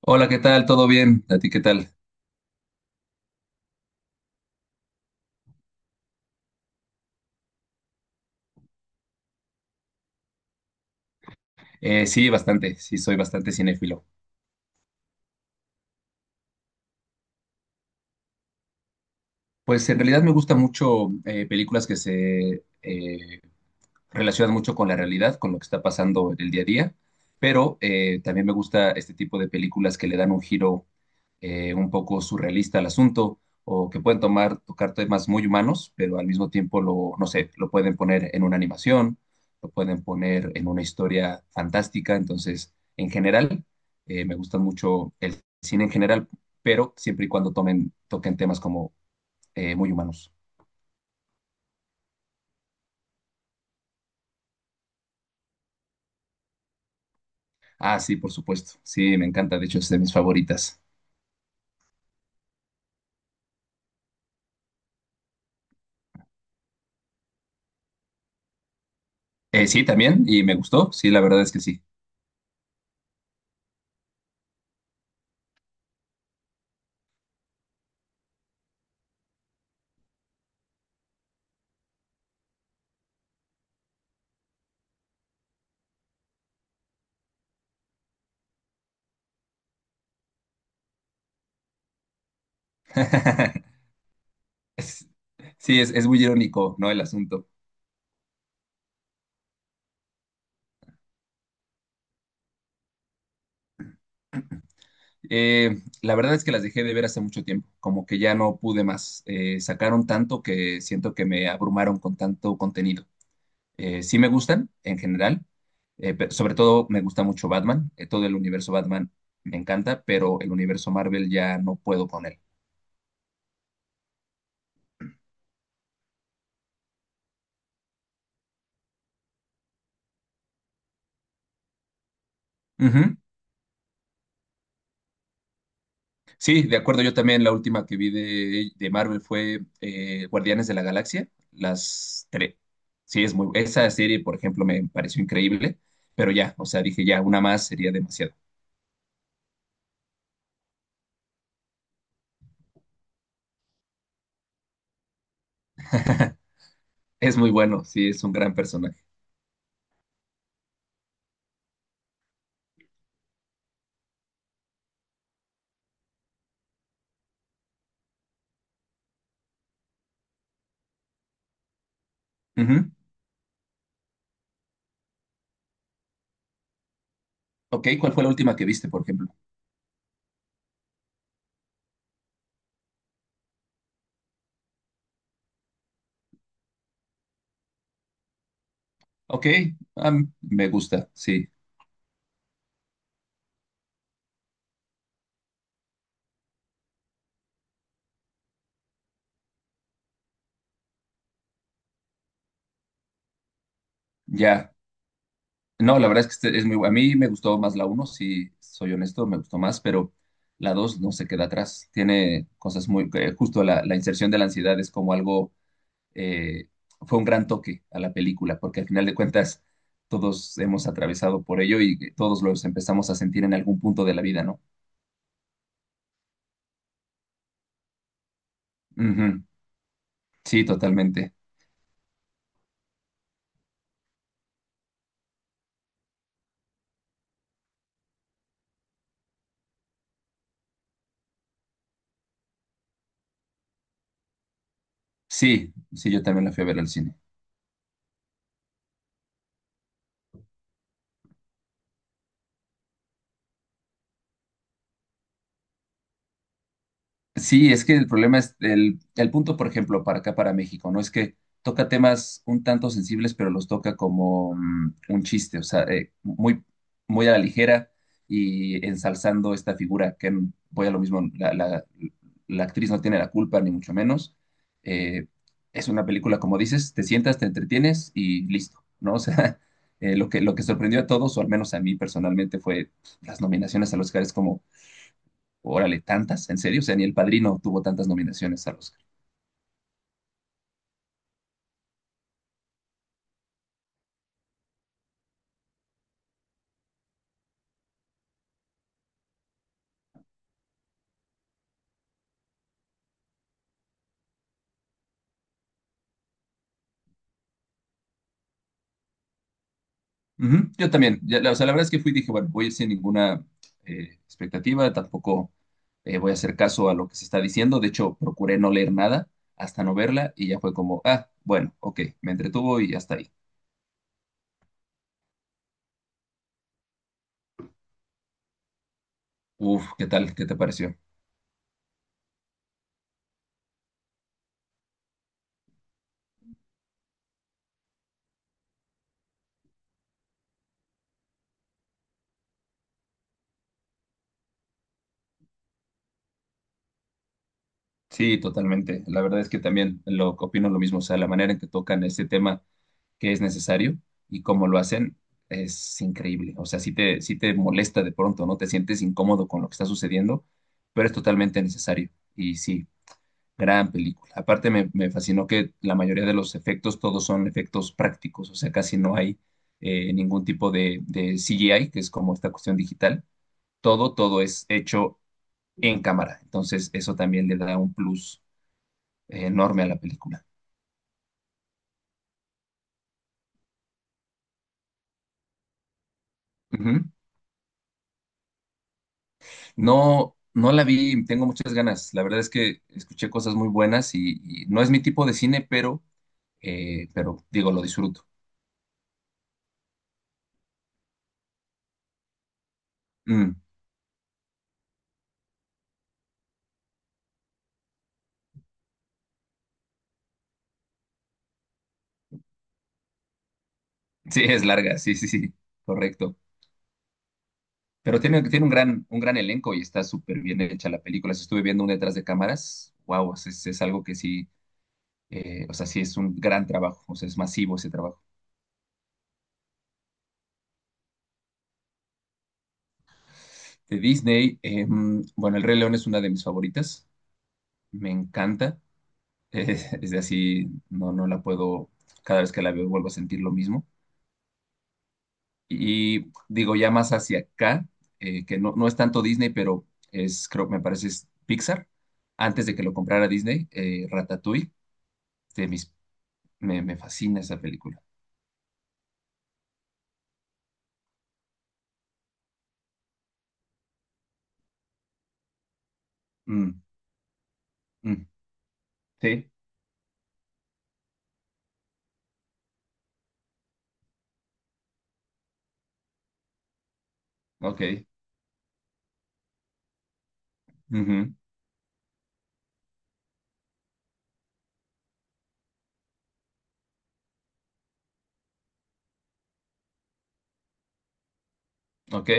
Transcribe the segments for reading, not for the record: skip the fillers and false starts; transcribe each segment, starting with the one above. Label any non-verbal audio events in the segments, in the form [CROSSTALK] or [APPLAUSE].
Hola, ¿qué tal? ¿Todo bien? ¿A ti qué tal? Sí, bastante, sí, soy bastante cinéfilo. Pues en realidad me gusta mucho, películas que se relacionan mucho con la realidad, con lo que está pasando en el día a día, pero, también me gusta este tipo de películas que le dan un giro, un poco surrealista al asunto, o que pueden tocar temas muy humanos, pero al mismo tiempo lo, no sé, lo pueden poner en una animación, lo pueden poner en una historia fantástica. Entonces, en general, me gusta mucho el cine en general, pero siempre y cuando toquen temas como, muy humanos. Ah, sí, por supuesto, sí, me encanta, de hecho es de mis favoritas. Sí, también, y me gustó, sí, la verdad es que sí. [LAUGHS] Es- sí, es muy irónico, ¿no? El asunto. La verdad es que las dejé de ver hace mucho tiempo, como que ya no pude más. Sacaron tanto que siento que me abrumaron con tanto contenido. Sí me gustan, en general, sobre todo me gusta mucho Batman, todo el universo Batman me encanta, pero el universo Marvel ya no puedo con él. Sí, de acuerdo, yo también la última que vi de Marvel fue, Guardianes de la Galaxia, las tres. Sí, es muy, esa serie, por ejemplo, me pareció increíble, pero ya, o sea, dije ya, una más sería demasiado. [LAUGHS] Es muy bueno, sí, es un gran personaje. Ujú. Ok, ¿cuál fue la última que viste, por ejemplo? Ok, ah, me gusta, sí. Ya. No, la verdad es que este es muy a mí me gustó más la uno, si soy honesto, me gustó más, pero la 2 no se queda atrás. Tiene cosas muy... justo la inserción de la ansiedad es como algo. eh, Fue un gran toque a la película, porque al final de cuentas todos hemos atravesado por ello y todos los empezamos a sentir en algún punto de la vida, ¿no? Ujú. Sí, totalmente. Sí, sí, yo también la fui a ver al cine. Sí, es que el problema es el punto, por ejemplo, para acá, para México, ¿no? Es que toca temas un tanto sensibles, pero los toca como un chiste, o sea, muy, muy a la ligera y ensalzando esta figura, que voy a lo mismo, la actriz no tiene la culpa, ni mucho menos. Eh, es una película, como dices, te sientas, te entretienes y listo, ¿no? O sea, [LAUGHS] lo lo que sorprendió a todos, o al menos a mí personalmente, fue las nominaciones a los Oscar, como órale, tantas, en serio, o sea, ni El Padrino tuvo tantas nominaciones al Oscar. Ujú. Yo también, ya, o sea, la verdad es que fui y dije, bueno, voy sin ninguna, expectativa, tampoco, voy a hacer caso a lo que se está diciendo. De hecho, procuré no leer nada hasta no verla, y ya fue como, ah, bueno, ok, me entretuvo y hasta ahí. Uf, ¿qué tal? ¿Qué te pareció? Sí, totalmente. La verdad es que también lo opino lo mismo, o sea, la manera en que tocan este tema, que es necesario, y cómo lo hacen es increíble. O sea, sí te molesta de pronto, ¿no? Te sientes incómodo con lo que está sucediendo, pero es totalmente necesario. Y sí, gran película. Aparte me fascinó que la mayoría de los efectos, todos son efectos prácticos, o sea, casi no hay, ningún tipo de CGI, que es como esta cuestión digital. Todo es hecho en cámara. Entonces, eso también le da un plus, enorme a la película. Ujú. No, no la vi, tengo muchas ganas. La verdad es que escuché cosas muy buenas y no es mi tipo de cine, pero digo, lo disfruto. Mm. [LAUGHS] Sí, es larga, sí, sí, sí, correcto. Pero tiene un un gran elenco y está súper bien hecha la película. Si estuve viendo un detrás de cámaras, wow, es algo que sí, o sea, sí es un gran trabajo, o sea, es masivo ese trabajo. De Disney, bueno, El Rey León es una de mis favoritas, me encanta. [LAUGHS] Es de así, no la puedo, cada vez que la veo vuelvo a sentir lo mismo. Y digo, ya más hacia acá, que no, no es tanto Disney, pero es, creo que me parece es Pixar. Antes de que lo comprara Disney, Ratatouille, de mis, me fascina esa película. Mm. Mm. Sí. Ok. Ujú. Ok.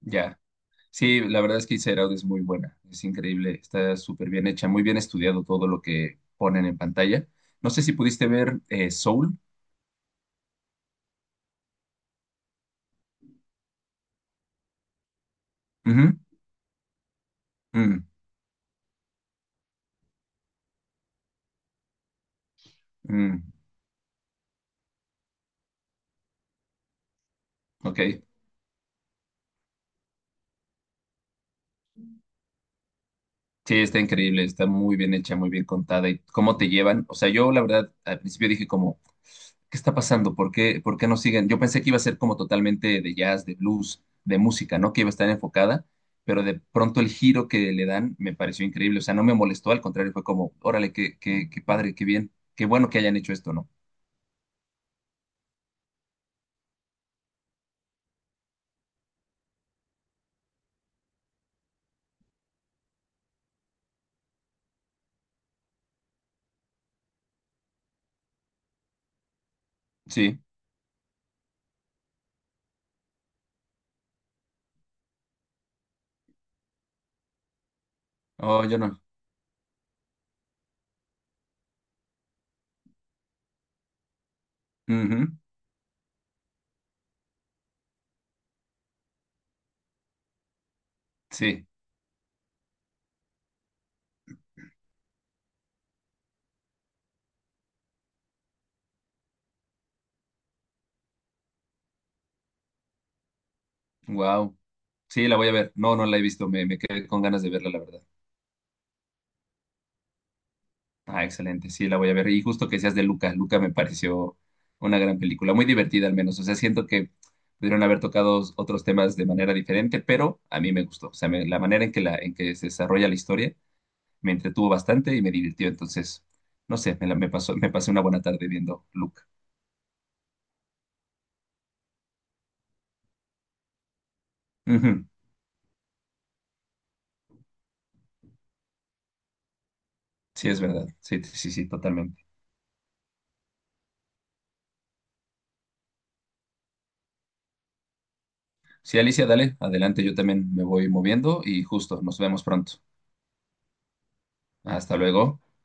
Ya. Sí, la verdad es que Inside Out es muy buena, es increíble, está súper bien hecha, muy bien estudiado todo lo que ponen en pantalla. No sé si pudiste ver, Soul. Ujú. Mm. Mm. Ok. Sí, está increíble, está muy bien hecha, muy bien contada. ¿Y cómo te llevan? O sea, yo la verdad al principio dije como, ¿qué está pasando? ¿Por qué no siguen? Yo pensé que iba a ser como totalmente de jazz, de blues, de música, ¿no? Que iba a estar enfocada, pero de pronto el giro que le dan me pareció increíble. O sea, no me molestó, al contrario, fue como, órale, qué padre, qué bien, qué bueno que hayan hecho esto, ¿no? Sí. Oh, yo no. Ujú. Sí. Wow. Sí, la voy a ver. No, no la he visto, me quedé con ganas de verla, la verdad. Ah, excelente, sí, la voy a ver. Y justo que seas de Luca, Luca me pareció una gran película, muy divertida al menos. O sea, siento que pudieron haber tocado otros temas de manera diferente, pero a mí me gustó. O sea, la manera en en que se desarrolla la historia me entretuvo bastante y me divirtió. Entonces, no sé, me, la- me pasó, me pasé una buena tarde viendo Luca. Ujú. Sí, es verdad. Sí, sí, sí, totalmente. Sí, Alicia, dale, adelante, yo también me voy moviendo y justo, nos vemos pronto. Hasta luego.